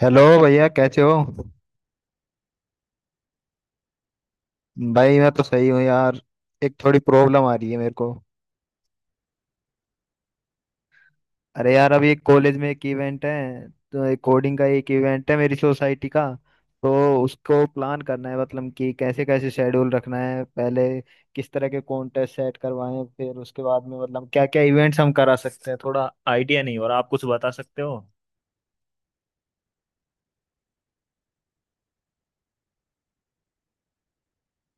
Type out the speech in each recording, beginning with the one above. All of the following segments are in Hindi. हेलो भैया कैसे हो। भाई मैं तो सही हूँ यार। एक थोड़ी प्रॉब्लम आ रही है मेरे को। अरे यार अभी एक कॉलेज में एक इवेंट है, तो एक कोडिंग का एक इवेंट है मेरी सोसाइटी का। तो उसको प्लान करना है, मतलब कि कैसे कैसे शेड्यूल रखना है पहले, किस तरह के कॉन्टेस्ट सेट करवाएं, फिर उसके बाद में मतलब क्या क्या इवेंट्स हम करा सकते हैं। थोड़ा आइडिया नहीं हो रहा, आप कुछ बता सकते हो।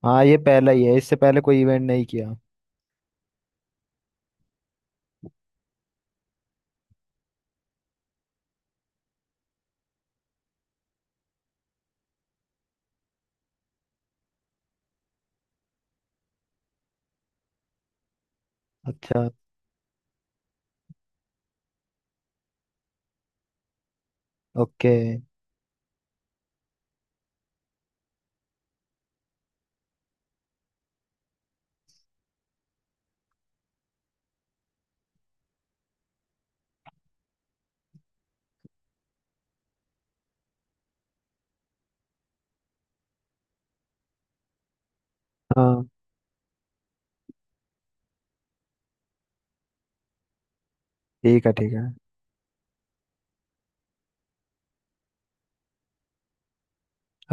हाँ, ये पहला ही है, इससे पहले कोई इवेंट नहीं किया। अच्छा। ओके। हाँ। ठीक है, ठीक है।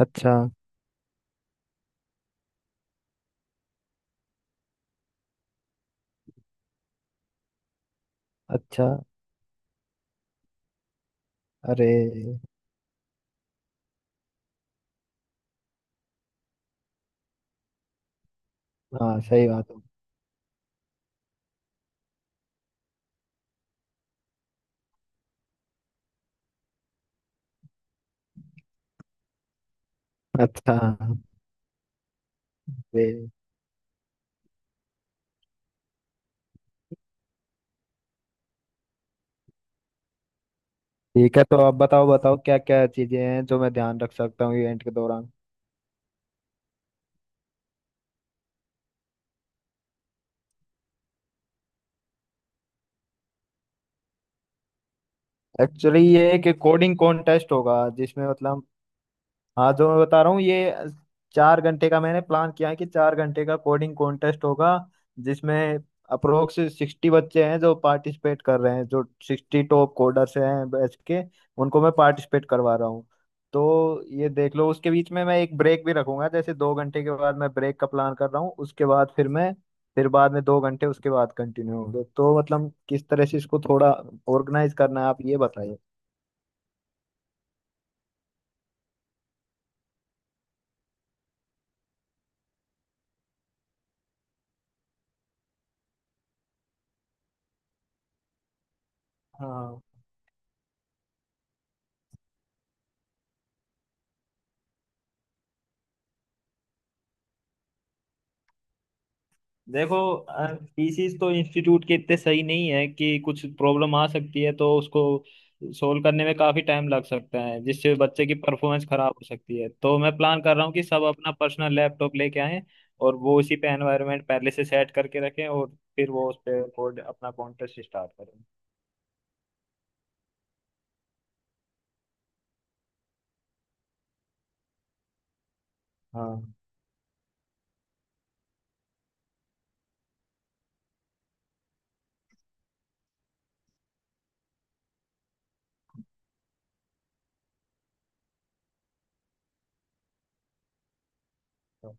अच्छा। अच्छा। अरे। हाँ सही बात है। अच्छा। अरे। ठीक है, तो अब बताओ बताओ क्या क्या चीजें हैं जो मैं ध्यान रख सकता हूँ इवेंट के दौरान। एक्चुअली ये एक कोडिंग कॉन्टेस्ट होगा जिसमें मतलब, हाँ जो मैं बता रहा हूँ ये, 4 घंटे का मैंने प्लान किया है कि 4 घंटे का कोडिंग कॉन्टेस्ट होगा जिसमें अप्रोक्स 60 बच्चे हैं जो पार्टिसिपेट कर रहे हैं, जो 60 टॉप कोडर्स हैं बैच के, उनको मैं पार्टिसिपेट करवा रहा हूँ। तो ये देख लो, उसके बीच में मैं एक ब्रेक भी रखूंगा। जैसे 2 घंटे के बाद मैं ब्रेक का प्लान कर रहा हूँ, उसके बाद फिर मैं, फिर बाद में 2 घंटे उसके बाद कंटिन्यू होंगे। तो मतलब किस तरह से इसको थोड़ा ऑर्गेनाइज करना है, आप ये बताइए। हाँ, देखो, पीसीस तो इंस्टीट्यूट के इतने सही नहीं है कि कुछ प्रॉब्लम आ सकती है, तो उसको सोल्व करने में काफी टाइम लग सकता है जिससे बच्चे की परफॉर्मेंस खराब हो सकती है। तो मैं प्लान कर रहा हूँ कि सब अपना पर्सनल लैपटॉप लेके आएं, और वो उसी पे एनवायरनमेंट पहले से सेट करके रखें, और फिर वो उस पे कोड अपना कॉन्टेस्ट स्टार्ट करें। हाँ तो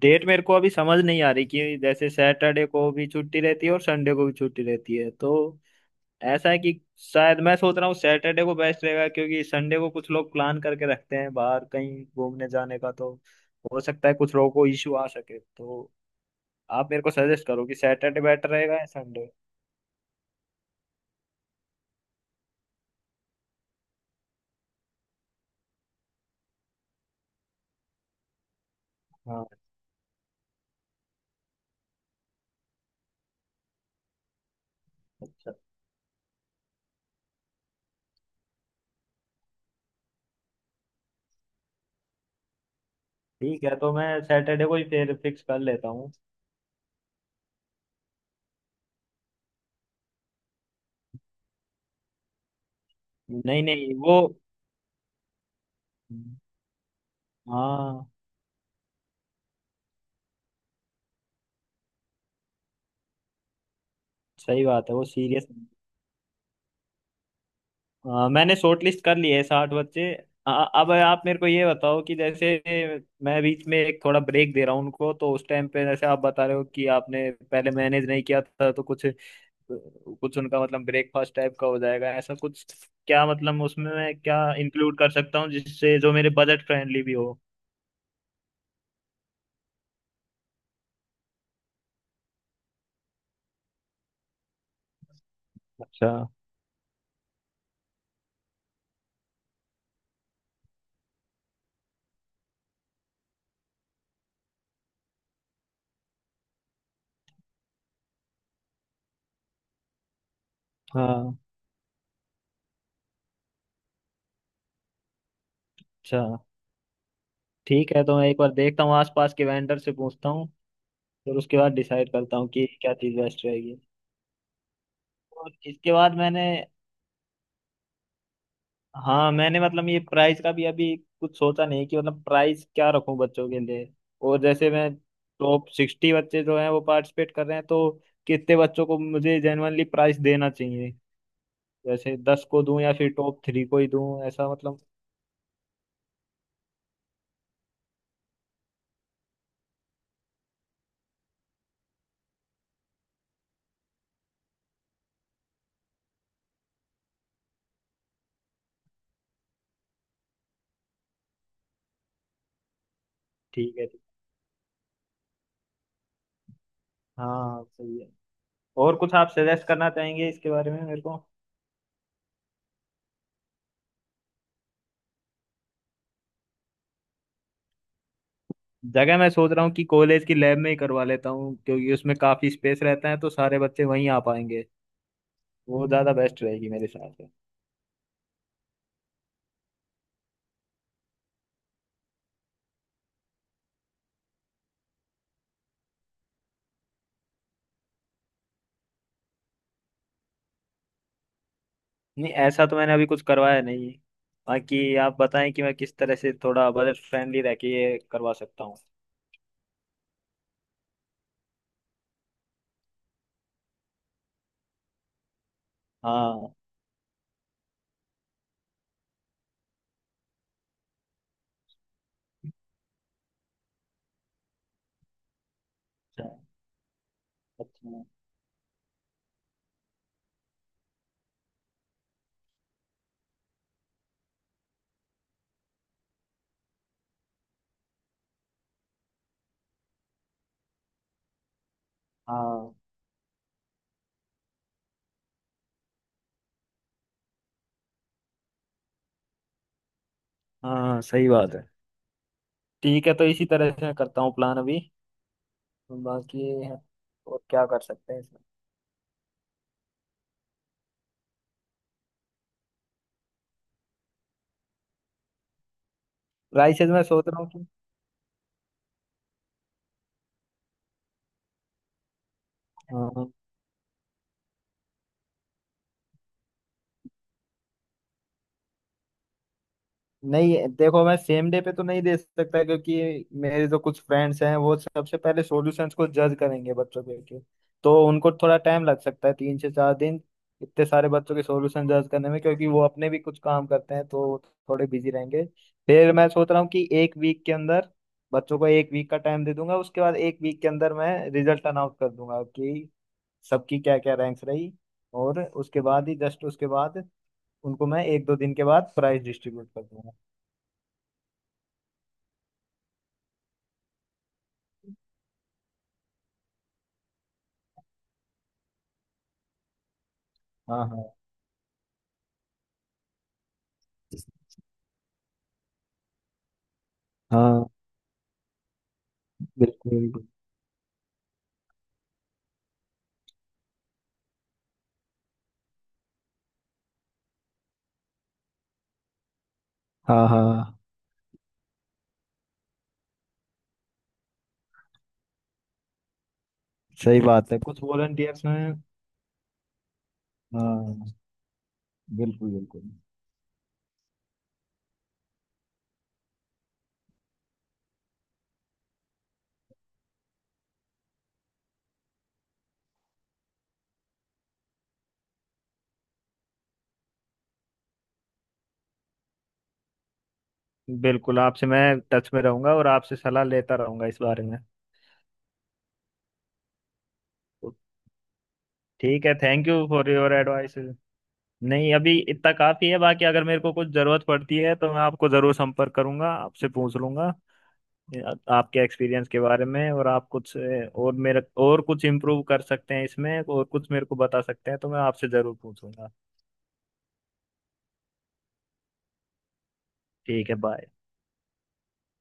डेट मेरे को अभी समझ नहीं आ रही, कि जैसे सैटरडे को भी छुट्टी रहती है और संडे को भी छुट्टी रहती है। तो ऐसा है कि शायद मैं सोच रहा हूँ सैटरडे को बेस्ट रहेगा, क्योंकि संडे को कुछ लोग प्लान करके रखते हैं बाहर कहीं घूमने जाने का। तो हो सकता है कुछ लोगों को इश्यू आ सके। तो आप मेरे को सजेस्ट करो कि सैटरडे बेटर रहेगा या संडे। हाँ। अच्छा। ठीक है, तो मैं सैटरडे को ही फिर फिक्स कर लेता हूँ। नहीं नहीं, वो, हाँ सही बात है, वो सीरियस। हाँ, मैंने शॉर्ट लिस्ट कर लिए है 60 बच्चे। अ- अब आप मेरे को ये बताओ कि जैसे मैं बीच में एक थोड़ा ब्रेक दे रहा हूँ उनको, तो उस टाइम पे जैसे आप बता रहे हो कि आपने पहले मैनेज नहीं किया था, तो कुछ, कुछ उनका मतलब ब्रेकफास्ट टाइप का हो जाएगा ऐसा कुछ, क्या मतलब उसमें मैं क्या इंक्लूड कर सकता हूँ जिससे जो मेरे बजट फ्रेंडली भी हो। अच्छा। हाँ। अच्छा। ठीक है, तो मैं एक बार देखता हूँ आसपास के वेंडर से पूछता हूँ, फिर उसके बाद डिसाइड करता हूँ कि क्या चीज़ बेस्ट रहेगी। और इसके बाद मैंने, हाँ मैंने मतलब ये प्राइस का भी अभी कुछ सोचा नहीं कि मतलब प्राइस क्या रखूं बच्चों के लिए। और जैसे मैं टॉप 60 बच्चे जो हैं वो पार्टिसिपेट कर रहे हैं, तो कितने बच्चों को मुझे जेनुअनली प्राइस देना चाहिए। जैसे 10 को दूं या फिर टॉप थ्री को ही दूं ऐसा मतलब। ठीक है। हाँ सही है। और कुछ आप सजेस्ट करना चाहेंगे इसके बारे में मेरे को। जगह मैं सोच रहा हूँ कि कॉलेज की लैब में ही करवा लेता हूँ, क्योंकि उसमें काफी स्पेस रहता है तो सारे बच्चे वहीं आ पाएंगे। वो ज्यादा बेस्ट रहेगी मेरे हिसाब से। नहीं, ऐसा तो मैंने अभी कुछ करवाया नहीं है। बाकी आप बताएं कि मैं किस तरह से थोड़ा बजट फ्रेंडली रह के ये करवा सकता हूँ। हाँ। अच्छा। अच्छा। हाँ हाँ सही बात है। ठीक है तो इसी तरह से मैं करता हूँ प्लान अभी। बाकी और क्या कर सकते हैं इसमें। प्राइसेस मैं सोच रहा हूँ कि, हाँ हाँ। नहीं देखो, मैं सेम डे पे तो नहीं दे सकता क्योंकि मेरे जो कुछ फ्रेंड्स हैं वो सबसे पहले सॉल्यूशंस को जज करेंगे बच्चों के लेके, तो उनको थोड़ा टाइम लग सकता है, 3 से 4 दिन, इतने सारे बच्चों के सॉल्यूशन जज करने में, क्योंकि वो अपने भी कुछ काम करते हैं तो थोड़े बिजी रहेंगे। फिर मैं सोच रहा हूँ कि एक वीक के अंदर, बच्चों को एक वीक का टाइम दे दूंगा, उसके बाद एक वीक के अंदर मैं रिजल्ट अनाउंस कर दूंगा कि सबकी क्या क्या रैंक्स रही। और उसके बाद ही जस्ट, उसके बाद उनको मैं एक दो दिन के बाद प्राइज डिस्ट्रीब्यूट कर दूंगा। हाँ। हाँ हाँ। बिल्कुल बिल्कुल। हाँ। हाँ सही बात है, कुछ वॉलंटियर्स हैं। हाँ। बिल्कुल बिल्कुल। बिल्कुल आपसे मैं टच में रहूंगा और आपसे सलाह लेता रहूंगा इस बारे में। तो ठीक है, thank you for your advice. नहीं अभी इतना काफी है, बाकी अगर मेरे को कुछ जरूरत पड़ती है तो मैं आपको जरूर संपर्क करूंगा, आपसे पूछ लूंगा। आपके एक्सपीरियंस के बारे में और आप कुछ और मेरे, और कुछ इम्प्रूव कर सकते हैं इसमें और कुछ मेरे को बता सकते हैं, तो मैं आपसे जरूर पूछूंगा। ठीक है बाय।